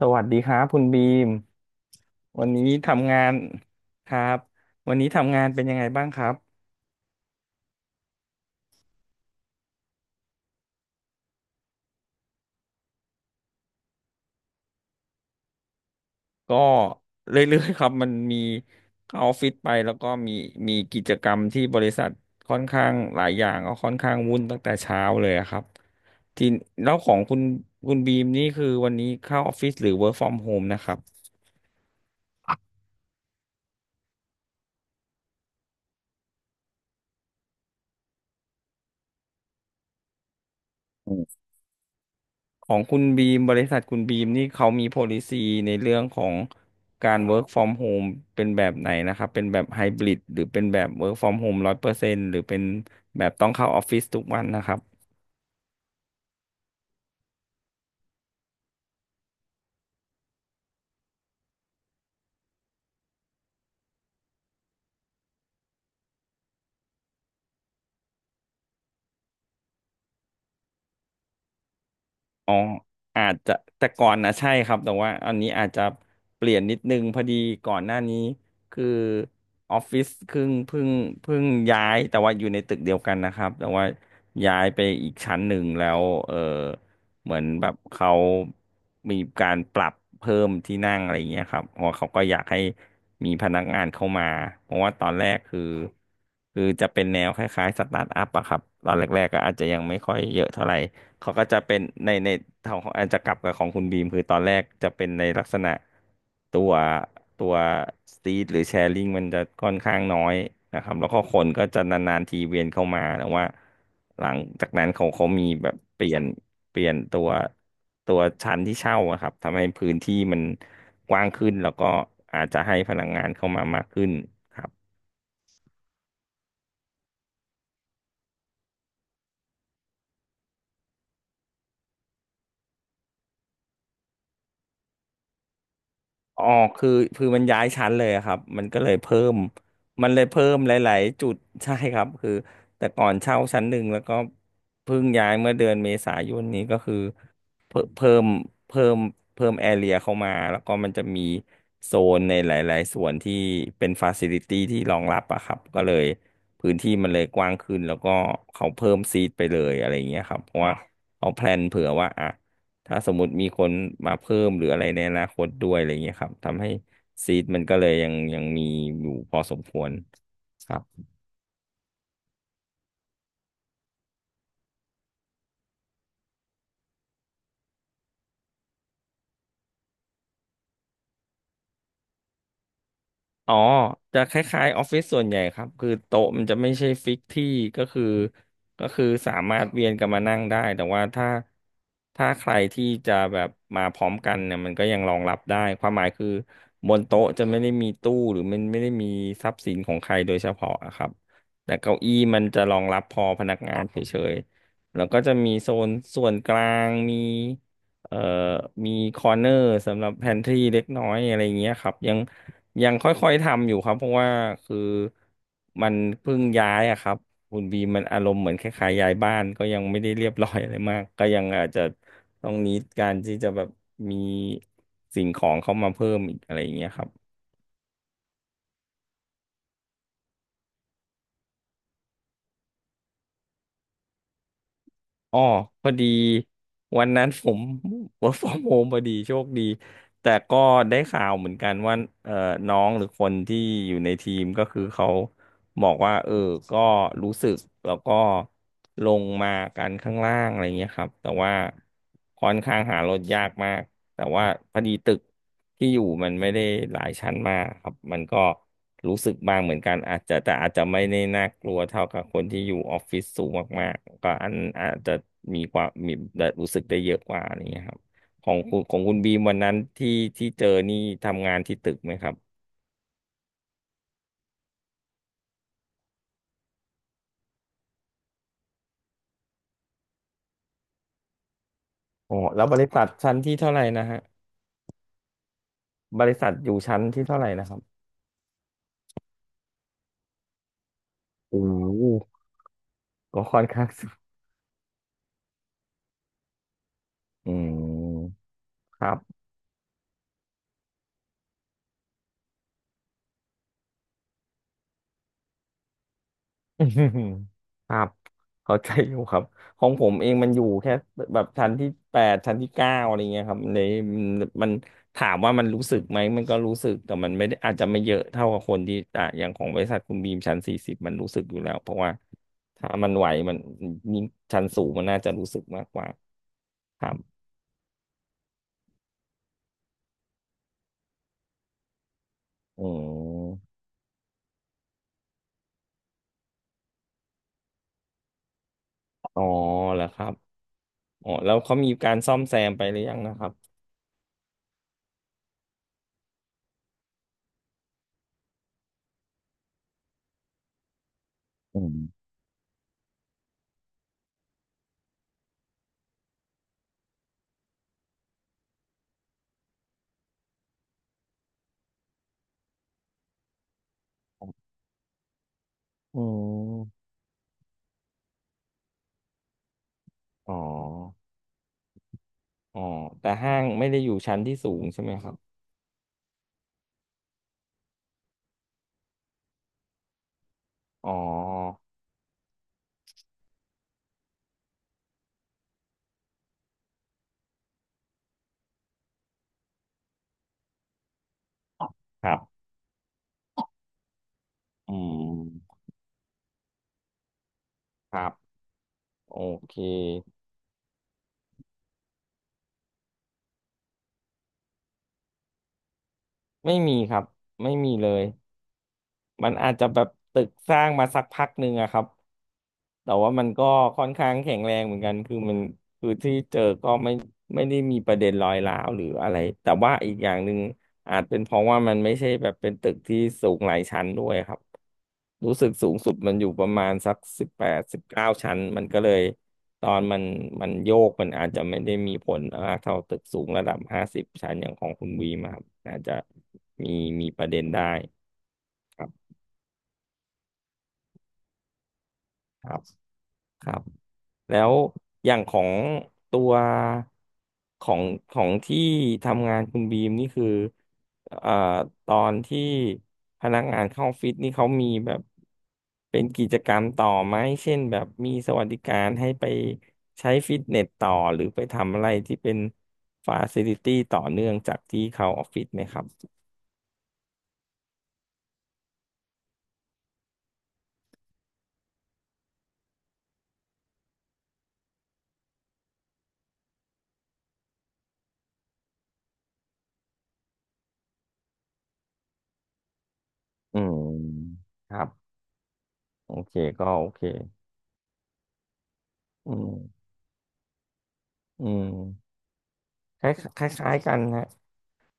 สวัสดีครับคุณบีมวันนี้ทำงานครับวันนี้ทำงานเป็นยังไงบ้างครับก็เรื่อยๆครับมันมีเข้าออฟฟิศไปแล้วก็มีกิจกรรมที่บริษัทค่อนข้างหลายอย่างก็ค่อนข้างวุ่นตั้งแต่เช้าเลยอะครับทีแล้วของคุณคุณบีมนี่คือวันนี้เข้าออฟฟิศหรือ work from home นะครับ ของคุณบีมบริษัทคุณบีมนี่เขามี policy ในเรื่องของการ work from home เป็นแบบไหนนะครับเป็นแบบ hybrid หรือเป็นแบบ work from home 100%หรือเป็นแบบต้องเข้าออฟฟิศทุกวันนะครับ อ๋ออาจจะแต่ก่อนนะใช่ครับแต่ว่าอันนี้อาจจะเปลี่ยนนิดนึงพอดีก่อนหน้านี้คือออฟฟิศเพิ่งย้ายแต่ว่าอยู่ในตึกเดียวกันนะครับแต่ว่าย้ายไปอีกชั้นหนึ่งแล้วเหมือนแบบเขามีการปรับเพิ่มที่นั่งอะไรอย่างเงี้ยครับเพราะว่าเขาก็อยากให้มีพนักงานเข้ามาเพราะว่าตอนแรกคือจะเป็นแนวคล้ายๆสตาร์ทอัพอะครับตอนแรกๆก็อาจจะยังไม่ค่อยเยอะเท่าไหร่ เขาก็จะเป็นในทางของแอนจะกลับกับของคุณบีมคือตอนแรกจะเป็นในลักษณะตัวตัวสตรีทหรือแชร์ลิงมันจะค่อนข้างน้อยนะครับแล้วก็คนก็จะนานๆทีเวียนเข้ามาแต่ว่าหลังจากนั้นเขามีแบบเปลี่ยนตัวชั้นที่เช่าอะครับทำให้พื้นที่มันกว้างขึ้นแล้วก็อาจจะให้พนักงานเข้ามามากขึ้นครับ อ๋อคือคือมันย้ายชั้นเลยอะครับมันก็เลยเพิ่มมันเลยเพิ่มหลายๆจุด ใช่ครับคือแต่ก่อนเช่าชั้นหนึ่งแล้วก็เพิ่งย้ายเมื่อเดือนเมษายนนี้ก็คือเพิ่มเพิ่มเพิ่มเพิ่มแอเรียเข้ามาแล้วก็มันจะมีโซนในหลายๆส่วนที่เป็นฟาซิลิตี้ที่รองรับอะครับก็เลยพื้นที่มันเลยกว้างขึ้นแล้วก็เขาเพิ่มซีทไปเลยอะไรอย่างเงี้ยครับเพราะว่าเขาแพลนเผื่อว่าอ่ะ ถ้าสมมติมีคนมาเพิ่มหรืออะไรในอนาคตด้วยอะไรเงี้ยครับทำให้ซีดมันก็เลยยังมีอยู่พอสมควรครับ อ๋อจะคล้ายๆออฟฟิศส่วนใหญ่ครับคือโต๊ะมันจะไม่ใช่ฟิกที่ก็คือก็คือสามารถเวียนกันมานั่งได้แต่ว่าถ้าใครที่จะแบบมาพร้อมกันเนี่ยมันก็ยังรองรับได้ความหมายคือบนโต๊ะจะไม่ได้มีตู้หรือมันไม่ได้มีทรัพย์สินของใครโดยเฉพาะอะครับแต่เก้าอี้มันจะรองรับพอพนักงานเฉยๆแล้วก็จะมีโซนส่วนกลางมีเอ่อมีคอร์เนอร์สำหรับแพนทรีเล็กน้อยอะไรเงี้ยครับยัง ยังค่อยๆทำอยู่ครับเพราะว่าคือมันเพิ่งย้ายอะครับคุณบีมันอารมณ์เหมือนคล้ายๆย้ายบ้านก็ยังไม่ได้เรียบร้อยอะไรมากก็ยังอาจจะต้องนิดการที่จะแบบมีสิ่งของเข้ามาเพิ่มอีกอะไรอย่างเงี้ยครับ อ๋อพอดีวันนั้นผม work from home พอดีโชคดีแต่ก็ได้ข่าวเหมือนกันว่าเอ่อน้องหรือคนที่อยู่ในทีมก็คือเขาบอกว่าก็รู้สึกแล้วก็ลงมากันข้างล่างอะไรเงี้ยครับแต่ว่าค่อนข้างหารถยากมาก แต่ว่าพอดีตึกที่อยู่มันไม่ได้หลายชั้นมากครับมันก็รู้สึกบ้างเหมือนกันอาจจะแต่อาจจะไม่ได้น่ากลัวเท่ากับคนที่อยู่ออฟฟิศสูงมากๆก็อันอาจจะมีความมีรู้สึกได้เยอะกว่านี้ยครับของคุณบีมวันนั้นที่เจอนี่ทำงานที่ตึกไหมครับอ๋อแล้วบริษัทชั้นที่เท่าไหร่นะฮะบริษัทอยู่ชั้นที่เท่าไหร่นะครับโอ้โหก็ค่อนข้างสูงอืมครับ อืมครับเข้าใจอยู่ครับของผมเองมันอยู่แค่แบบชั้นที่แปดชั้นที่เก้าอะไรเงี้ยครับเลยมัมันถามว่ามันรู้สึกไหมมันก็รู้สึกแต่มันไม่ได้อาจจะไม่เยอะเท่ากับคนที่อ่ะอย่างของบริษัทคุณบีมชั้น 40มันรู้สึกอยู่แล้วเพราะว่าถ้ามันไหวมันยิ่งชั้นสูงมันน่าจะรู้สึกมากกว่าครับอืมอ๋อแล้วครับอ๋อแล้วเขามีการซ่อมแซมไปหรือยังนะครับอืมอืมอ๋อ อ๋อ แต่ห้างไม่ได้อยู่ชั้นที่สูงใช่ไหมครับ อ๋อ ครับ อืม ครับ โอเค ไม่มีครับ ไม่มีเลย มันอาจจะแบบตึกสร้างมาสักพักหนึ่งอะครับ แต่ว่ามันก็ค่อนข้างแข็งแรงเหมือนกัน คือที่เจอก็ไม่ได้มีประเด็นรอยร้าวหรืออะไร แต่ว่าอีกอย่างหนึ่งอาจเป็นเพราะว่ามันไม่ใช่แบบเป็นตึกที่สูงหลายชั้นด้วยครับรู้สึกสูงสุดมันอยู่ประมาณสัก18-19ชั้นมันก็เลยตอนมันโยกมันอาจจะไม่ได้มีผลมากเท่าตึกสูงระดับ50ชั้นอย่างของคุณวีมาครับอาจจะมีมีประเด็นได้ครับครับ ครับแล้วอย่างของตัวของของที่ทำงานคุณบีมนี่คือเอ่อตอนที่พนักงานเข้าออฟฟิศนี่เขามีแบบเป็นกิจกรรมต่อไหมเช่นแบบมีสวัสดิการให้ไปใช้ฟิตเนสต่อหรือไปทำอะไรที่เป็นฟาซิลิตี้ต่อเนื่องจากที่เขาออฟฟิศไหมครับอืมครับโอเคก็โอเคอืมอืมคล้ายๆกันฮะ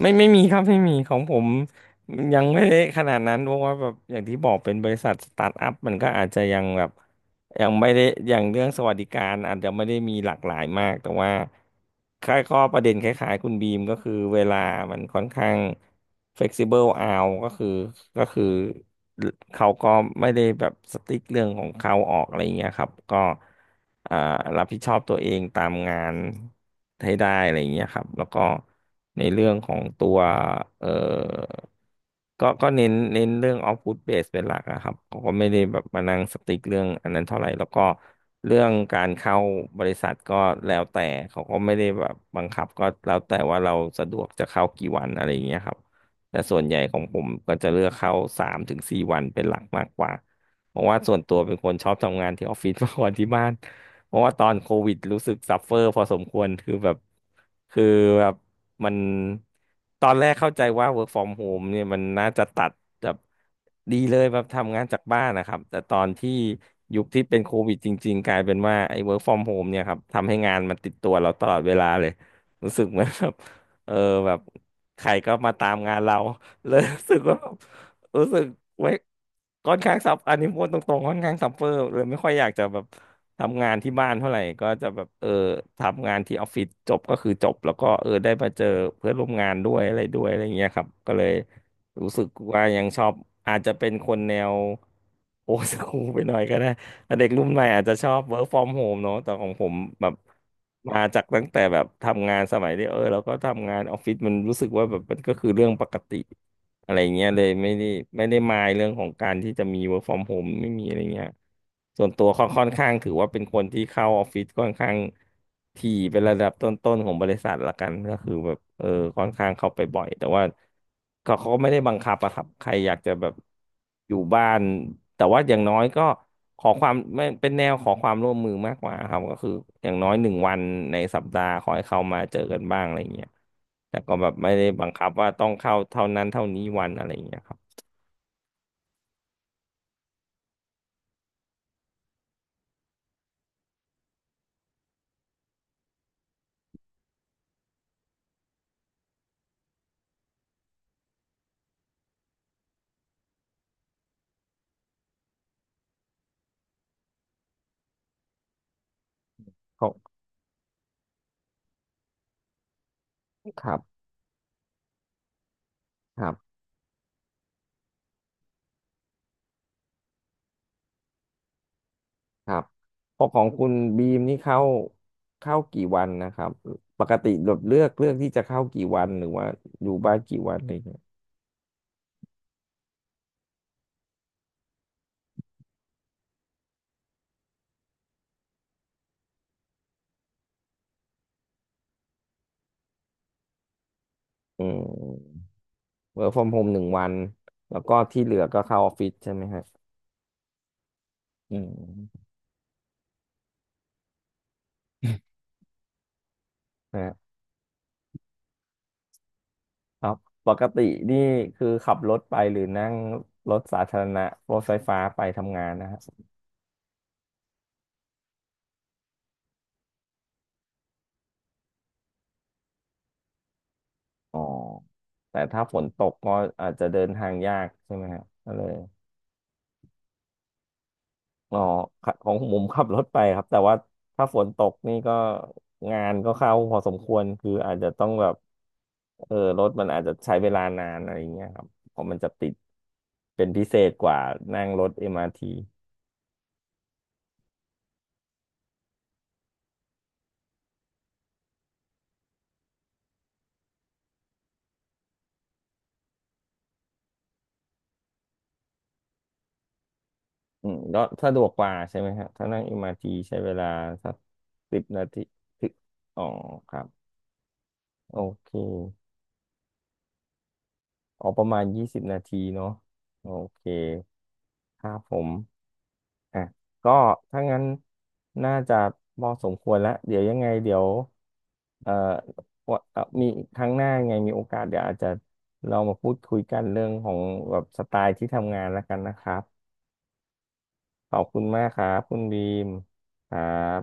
ไม่มีครับไม่มีของผมยังไม่ได้ขนาดนั้นเพราะว่าแบบอย่างที่บอกเป็นบริษัทสตาร์ทอัพมันก็อาจจะยังแบบ ยังไม่ได้อย่างเรื่องสวัสดิการอาจจะไม่ได้มีหลากหลายมากแต่ว่าค่ายข้อประเด็นคล้ายๆคุณบีมก็คือเวลามันค่อนข้าง flexible out ก็คือเขาก็ไม่ได้แบบสติ๊กเรื่องของเขาออกอะไรอย่างเงี้ยครับก็อ่ารับผิดชอบตัวเองตามงานให้ได้อะไรอย่างเงี้ยครับแล้วก็ในเรื่องของตัวเอ่อ ก็เน้นเรื่องออฟฟู t เบสเป็นหลักอะครับเขาก็ไม่ได้แบบมานั่งสติ๊กเรื่องอันนั้นเท่าไหร่แล้วก็เรื่องการเข้าบริษัทก็แล้วแต่เขาก็ไม่ได้แบบบังคับก็แล้วแต่ว่าเราสะดวกจะเข้ากี่วันอะไรอย่างเงี้ยครับแต่ส่วนใหญ่ของผมก็จะเลือกเข้า3 ถึง 4วันเป็นหลักมากกว่าเพราะว่าส่วนตัวเป็นคนชอบทำงานที่ออฟฟิศ มากกว่าที่บ้าน เพราะว่าตอนโควิดรู้สึกซัฟเฟอร์พอสมควรคือแบบมันตอนแรกเข้าใจว่า work from home เนี่ยมันน่าจะตัดแบบดีเลยแบบทำงานจากบ้านนะครับแต่ตอนที่ยุคที่เป็นโควิดจริงๆกลายเป็นว่าไอ้ work from home เนี่ยครับทำให้งานมันติดตัวเราตลอดเวลาเลยรู้สึกเหมือนแบบ เออแบบใครก็มาตามงานเรา เลยรู้สึกว่าแบบรู้สึกไว้ค่อนข้างซับอันนี้พูดตรงๆค่อนข้างซับเฟอร์เลยไม่ค่อยอยากจะแบบ ทำงานที่บ้านเท่าไหร่ก็จะแบบทำงานที่ออฟฟิศจบก็คือจบแล้วก็ได้มาเจอเพื่อนร่วมงานด้วยอะไรด้วยอะไรเงี้ยครับก็เลยรู้สึกว่ายังชอบอาจจะเป็นคนแนวโอสคูลไปหน่อยก็ได้แต่เด็กรุ่นใหม่อาจจะชอบ work from home เนอะแต่ของผมแบบมาจากตั้งแต่แบบทำงานสมัยที่แล้วก็ทำงานออฟฟิศมันรู้สึกว่าแบบมันก็คือเรื่องปกติ อะไรเงี้ยเลยไม่ได้ไม่ได้มายเรื่องของการที่จะมี work from home ไม่มีอะไรเงี้ยส่วนตัวค่อนข้างถือว่าเป็นคนที่เข้าออฟฟิศค่อนข้างถี่เป็นระดับต้นๆของบริษัทละกันก็คือแบบค่อนข้างเข้าไปบ่อยแต่ว่าเขาก็ไม่ได้บังคับอะครับใครอยากจะแบบอยู่บ้านแต่ว่าอย่างน้อยก็ขอความไม่เป็นแนวขอความร่วมมือมากกว่าครับก็คืออย่างน้อยหนึ่งวันในสัปดาห์ขอให้เขามาเจอกันบ้างอะไรเงี้ย แต่ก็แบบไม่ได้บังคับว่าต้องเข้าเท่านั้นเท่านี้วันอะไรอย่างเงี้ยครับเขาครับ ครับ ครับพอของคุณบีมนี่เข้ากี่วันนะครับปกติแบบเลือกที่จะเข้ากี่วันหรือว่าอยู่บ้านกี่วันอะไรอย่างเงี้ยอืมเวิร์กฟอรมโฮมหนึ่งวัน แล้วก็ที่เหลือก็เข้าออฟฟิศใช่ไหมฮะอืมนะครับ ปกตินี่คือขับรถไปหรือนั่งรถสาธารณะรถไฟฟ้าไปทำงานนะฮะ อ๋อแต่ถ้าฝนตกก็อาจจะเดินทางยากใช่ไหมฮะก็เลยอ๋อครับของผมขับรถไปครับแต่ว่าถ้าฝนตกนี่ก็งานก็เข้าพอสมควรคืออาจจะต้องแบบรถมันอาจจะใช้เวลานานอะไรอย่างเงี้ยครับเพราะมันจะติดเป็นพิเศษกว่านั่งรถเอ็มอาร์ทีอืมก็สะดวกกว่าใช่ไหมครับถ้านั่งเอ็มอาร์ทีใช้เวลาสักสิบนาทีถึงอ๋อครับโอเค อ๋อประมาณ20นาทีเนาะโอเคครับผมอ่ะก็ถ้างั้นน่าจะพอสมควรแล้วเดี๋ยวยังไงเดี๋ยวเอ่อวาเอ่อมีครั้งหน้ายังไงมีโอกาสเดี๋ยวอาจจะเรามาพูดคุยกันเรื่องของแบบสไตล์ที่ทำงานแล้วกันนะครับขอบคุณมากครับคุณบีมครับ